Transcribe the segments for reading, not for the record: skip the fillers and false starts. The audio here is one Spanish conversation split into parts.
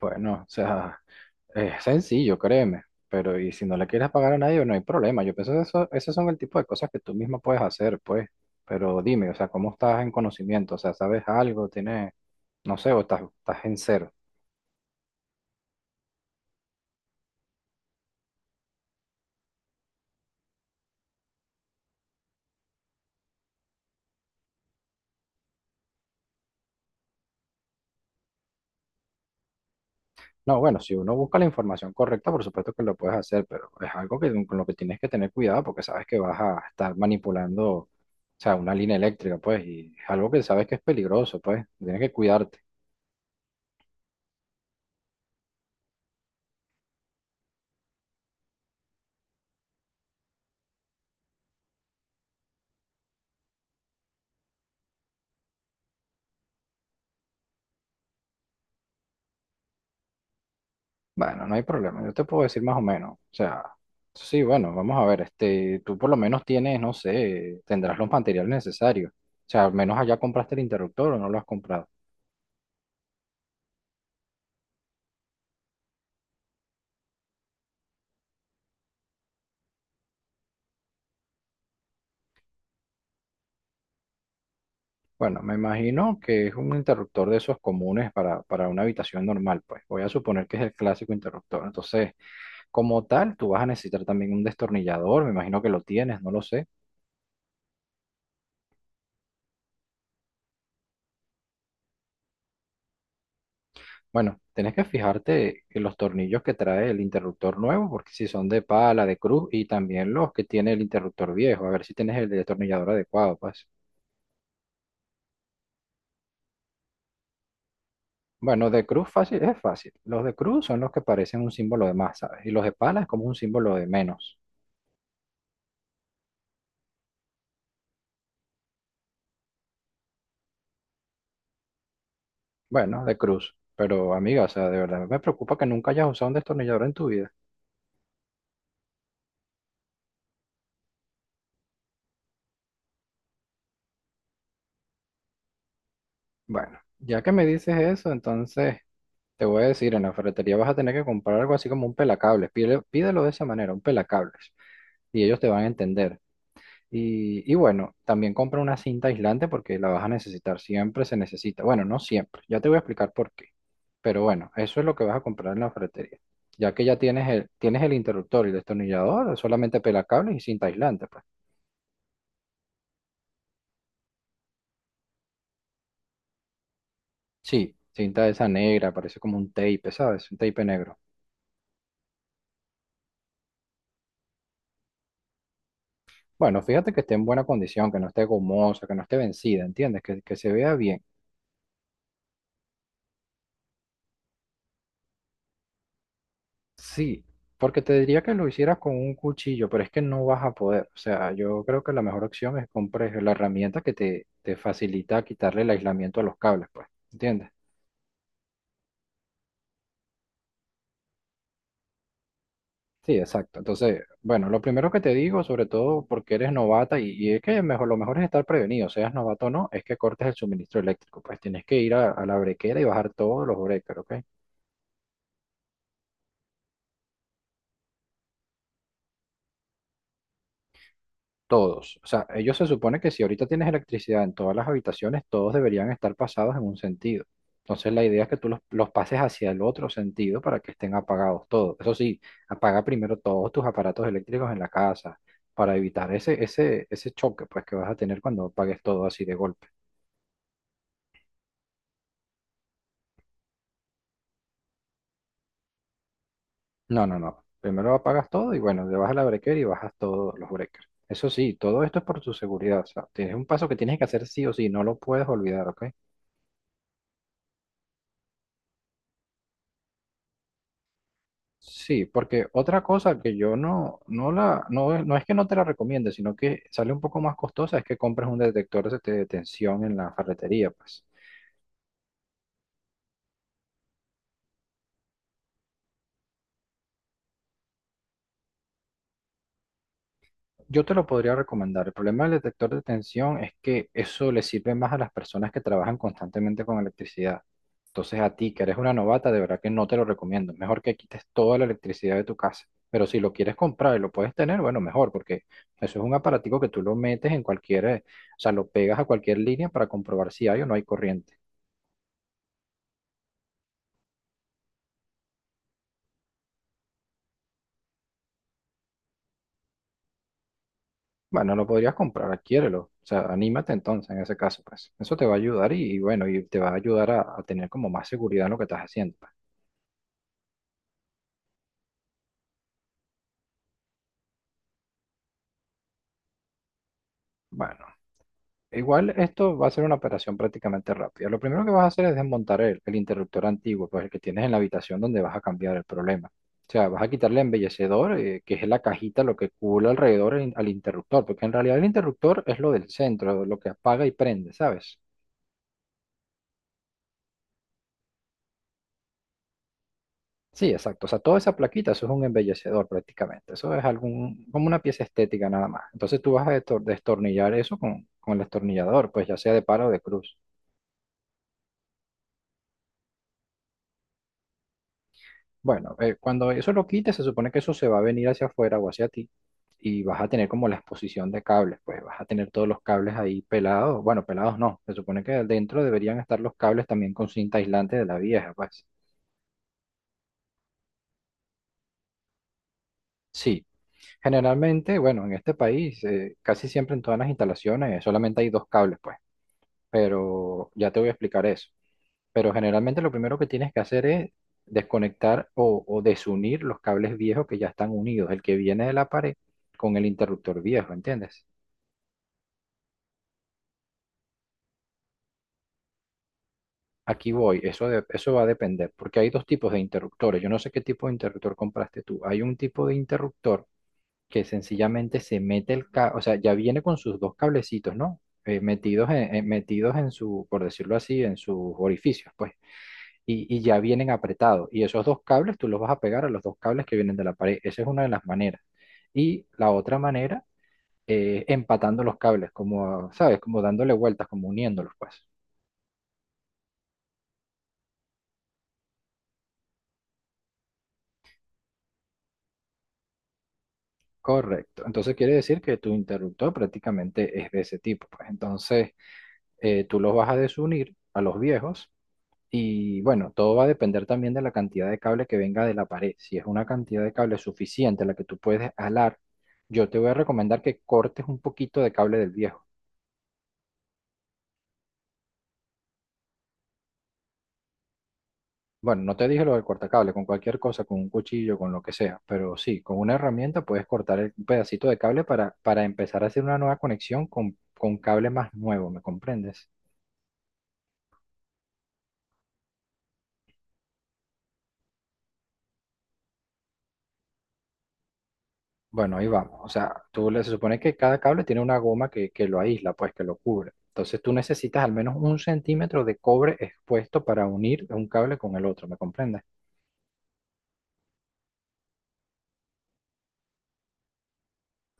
Bueno, o sea, es sencillo, créeme, pero y si no le quieres pagar a nadie, no hay problema. Yo pienso que eso, esos son el tipo de cosas que tú misma puedes hacer, pues. Pero dime, o sea, ¿cómo estás en conocimiento? O sea, ¿sabes algo? ¿Tienes, no sé, o estás en cero? No, bueno, si uno busca la información correcta, por supuesto que lo puedes hacer, pero es algo que, con lo que tienes que tener cuidado porque sabes que vas a estar manipulando, o sea, una línea eléctrica, pues, y es algo que sabes que es peligroso, pues, tienes que cuidarte. Bueno, no hay problema, yo te puedo decir más o menos. O sea, sí, bueno, vamos a ver, este, tú por lo menos tienes, no sé, tendrás los materiales necesarios. O sea, al menos allá compraste el interruptor o no lo has comprado. Bueno, me imagino que es un interruptor de esos comunes para una habitación normal, pues. Voy a suponer que es el clásico interruptor. Entonces, como tal, tú vas a necesitar también un destornillador, me imagino que lo tienes, no lo sé. Bueno, tenés que fijarte en los tornillos que trae el interruptor nuevo, porque si son de pala, de cruz, y también los que tiene el interruptor viejo, a ver si tienes el destornillador adecuado, pues. Bueno, de cruz fácil, es fácil. Los de cruz son los que parecen un símbolo de más, ¿sabes? Y los de pala es como un símbolo de menos. Bueno, de cruz. Pero amiga, o sea, de verdad me preocupa que nunca hayas usado un destornillador en tu vida. Bueno, ya que me dices eso, entonces te voy a decir, en la ferretería vas a tener que comprar algo así como un pelacables. Pídelo de esa manera, un pelacables. Y ellos te van a entender. Y bueno, también compra una cinta aislante porque la vas a necesitar, siempre se necesita. Bueno, no siempre, ya te voy a explicar por qué. Pero bueno, eso es lo que vas a comprar en la ferretería. Ya que ya tienes tienes el interruptor y el destornillador, solamente pelacables y cinta aislante, pues. Sí, cinta esa negra, parece como un tape, ¿sabes? Un tape negro. Bueno, fíjate que esté en buena condición, que no esté gomosa, que no esté vencida, ¿entiendes? Que se vea bien. Sí, porque te diría que lo hicieras con un cuchillo, pero es que no vas a poder. O sea, yo creo que la mejor opción es compres la herramienta que te facilita quitarle el aislamiento a los cables, pues. ¿Entiendes? Sí, exacto. Entonces, bueno, lo primero que te digo, sobre todo porque eres novata y es que mejor, lo mejor es estar prevenido, seas novato o no, es que cortes el suministro eléctrico. Pues tienes que ir a la brequera y bajar todos los breakers, ¿ok? Todos. O sea, ellos se supone que si ahorita tienes electricidad en todas las habitaciones, todos deberían estar pasados en un sentido. Entonces la idea es que tú los pases hacia el otro sentido para que estén apagados todos. Eso sí, apaga primero todos tus aparatos eléctricos en la casa para evitar ese, ese, ese choque pues, que vas a tener cuando apagues todo así de golpe. No, no, no. Primero apagas todo y bueno, le vas a la breaker y bajas todos los breakers. Eso sí, todo esto es por tu seguridad. O sea, tienes un paso que tienes que hacer sí o sí, no lo puedes olvidar, ¿ok? Sí, porque otra cosa que yo no, no la, no, no es que no te la recomiende, sino que sale un poco más costosa, es que compres un detector de tensión en la ferretería, pues. Yo te lo podría recomendar. El problema del detector de tensión es que eso le sirve más a las personas que trabajan constantemente con electricidad. Entonces a ti que eres una novata, de verdad que no te lo recomiendo. Mejor que quites toda la electricidad de tu casa. Pero si lo quieres comprar y lo puedes tener, bueno, mejor, porque eso es un aparatico que tú lo metes en cualquier, o sea, lo pegas a cualquier línea para comprobar si hay o no hay corriente. Bueno, lo podrías comprar, adquiérelo. O sea, anímate entonces en ese caso, pues. Eso te va a ayudar y bueno, y te va a ayudar a tener como más seguridad en lo que estás haciendo, pues. Bueno. Igual esto va a ser una operación prácticamente rápida. Lo primero que vas a hacer es desmontar el interruptor antiguo, pues el que tienes en la habitación donde vas a cambiar el problema. O sea, vas a quitarle el embellecedor, que es la cajita, lo que cubre alrededor al interruptor, porque en realidad el interruptor es lo del centro, lo que apaga y prende, ¿sabes? Sí, exacto. O sea, toda esa plaquita, eso es un embellecedor prácticamente. Eso es algún, como una pieza estética nada más. Entonces tú vas a destornillar eso con el destornillador, pues ya sea de pala o de cruz. Bueno, cuando eso lo quites, se supone que eso se va a venir hacia afuera o hacia ti y vas a tener como la exposición de cables, pues vas a tener todos los cables ahí pelados. Bueno, pelados no, se supone que dentro deberían estar los cables también con cinta aislante de la vieja, pues. Sí, generalmente, bueno, en este país, casi siempre en todas las instalaciones solamente hay dos cables, pues, pero ya te voy a explicar eso. Pero generalmente lo primero que tienes que hacer es desconectar o desunir los cables viejos que ya están unidos, el que viene de la pared con el interruptor viejo, ¿entiendes? Aquí voy, eso, eso va a depender, porque hay dos tipos de interruptores. Yo no sé qué tipo de interruptor compraste tú. Hay un tipo de interruptor que sencillamente se mete el cable, o sea, ya viene con sus dos cablecitos, ¿no? Metidos metidos en su, por decirlo así, en sus orificios, pues. Y ya vienen apretados. Y esos dos cables tú los vas a pegar a los dos cables que vienen de la pared. Esa es una de las maneras. Y la otra manera, empatando los cables, como, ¿sabes? Como dándole vueltas, como uniéndolos, pues. Correcto. Entonces quiere decir que tu interruptor prácticamente es de ese tipo, pues. Entonces tú los vas a desunir a los viejos. Y bueno, todo va a depender también de la cantidad de cable que venga de la pared. Si es una cantidad de cable suficiente la que tú puedes alar, yo te voy a recomendar que cortes un poquito de cable del viejo. Bueno, no te dije lo del cortacable, con cualquier cosa, con un cuchillo, con lo que sea, pero sí, con una herramienta puedes cortar un pedacito de cable para empezar a hacer una nueva conexión con cable más nuevo, ¿me comprendes? Bueno, ahí vamos. O sea, se supone que cada cable tiene una goma que lo aísla, pues que lo cubre. Entonces tú necesitas al menos un centímetro de cobre expuesto para unir un cable con el otro, ¿me comprendes?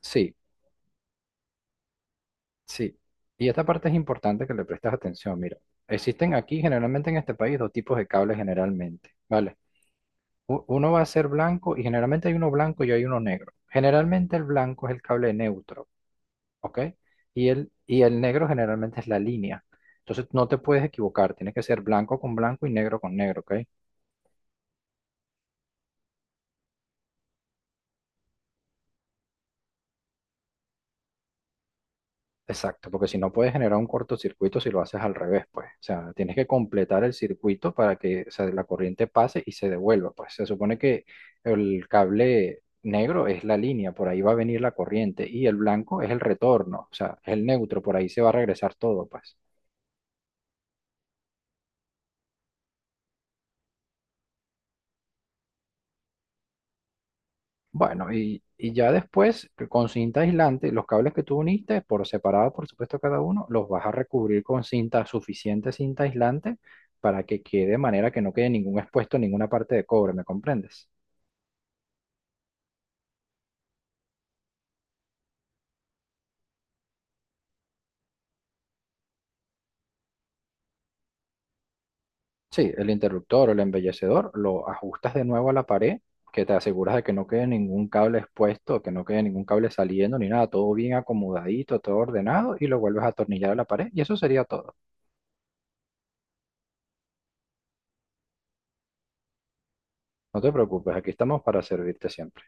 Sí, sí. Y esta parte es importante que le prestes atención, mira. Existen aquí generalmente en este país dos tipos de cables generalmente, ¿vale? Uno va a ser blanco y generalmente hay uno blanco y hay uno negro. Generalmente el blanco es el cable neutro, ¿ok? Y y el negro generalmente es la línea. Entonces no te puedes equivocar, tiene que ser blanco con blanco y negro con negro, ¿ok? Exacto, porque si no puedes generar un cortocircuito si lo haces al revés, pues. O sea, tienes que completar el circuito para que, o sea, la corriente pase y se devuelva, pues. Se supone que el cable negro es la línea, por ahí va a venir la corriente, y el blanco es el retorno, o sea, es el neutro, por ahí se va a regresar todo, pues. Bueno, y ya después, que con cinta aislante, los cables que tú uniste, por separado, por supuesto, cada uno, los vas a recubrir con cinta, suficiente cinta aislante, para que quede de manera que no quede ningún expuesto, ninguna parte de cobre, ¿me comprendes? Sí, el interruptor o el embellecedor lo ajustas de nuevo a la pared, que te aseguras de que no quede ningún cable expuesto, que no quede ningún cable saliendo ni nada, todo bien acomodadito, todo ordenado, y lo vuelves a atornillar a la pared, y eso sería todo. No te preocupes, aquí estamos para servirte siempre.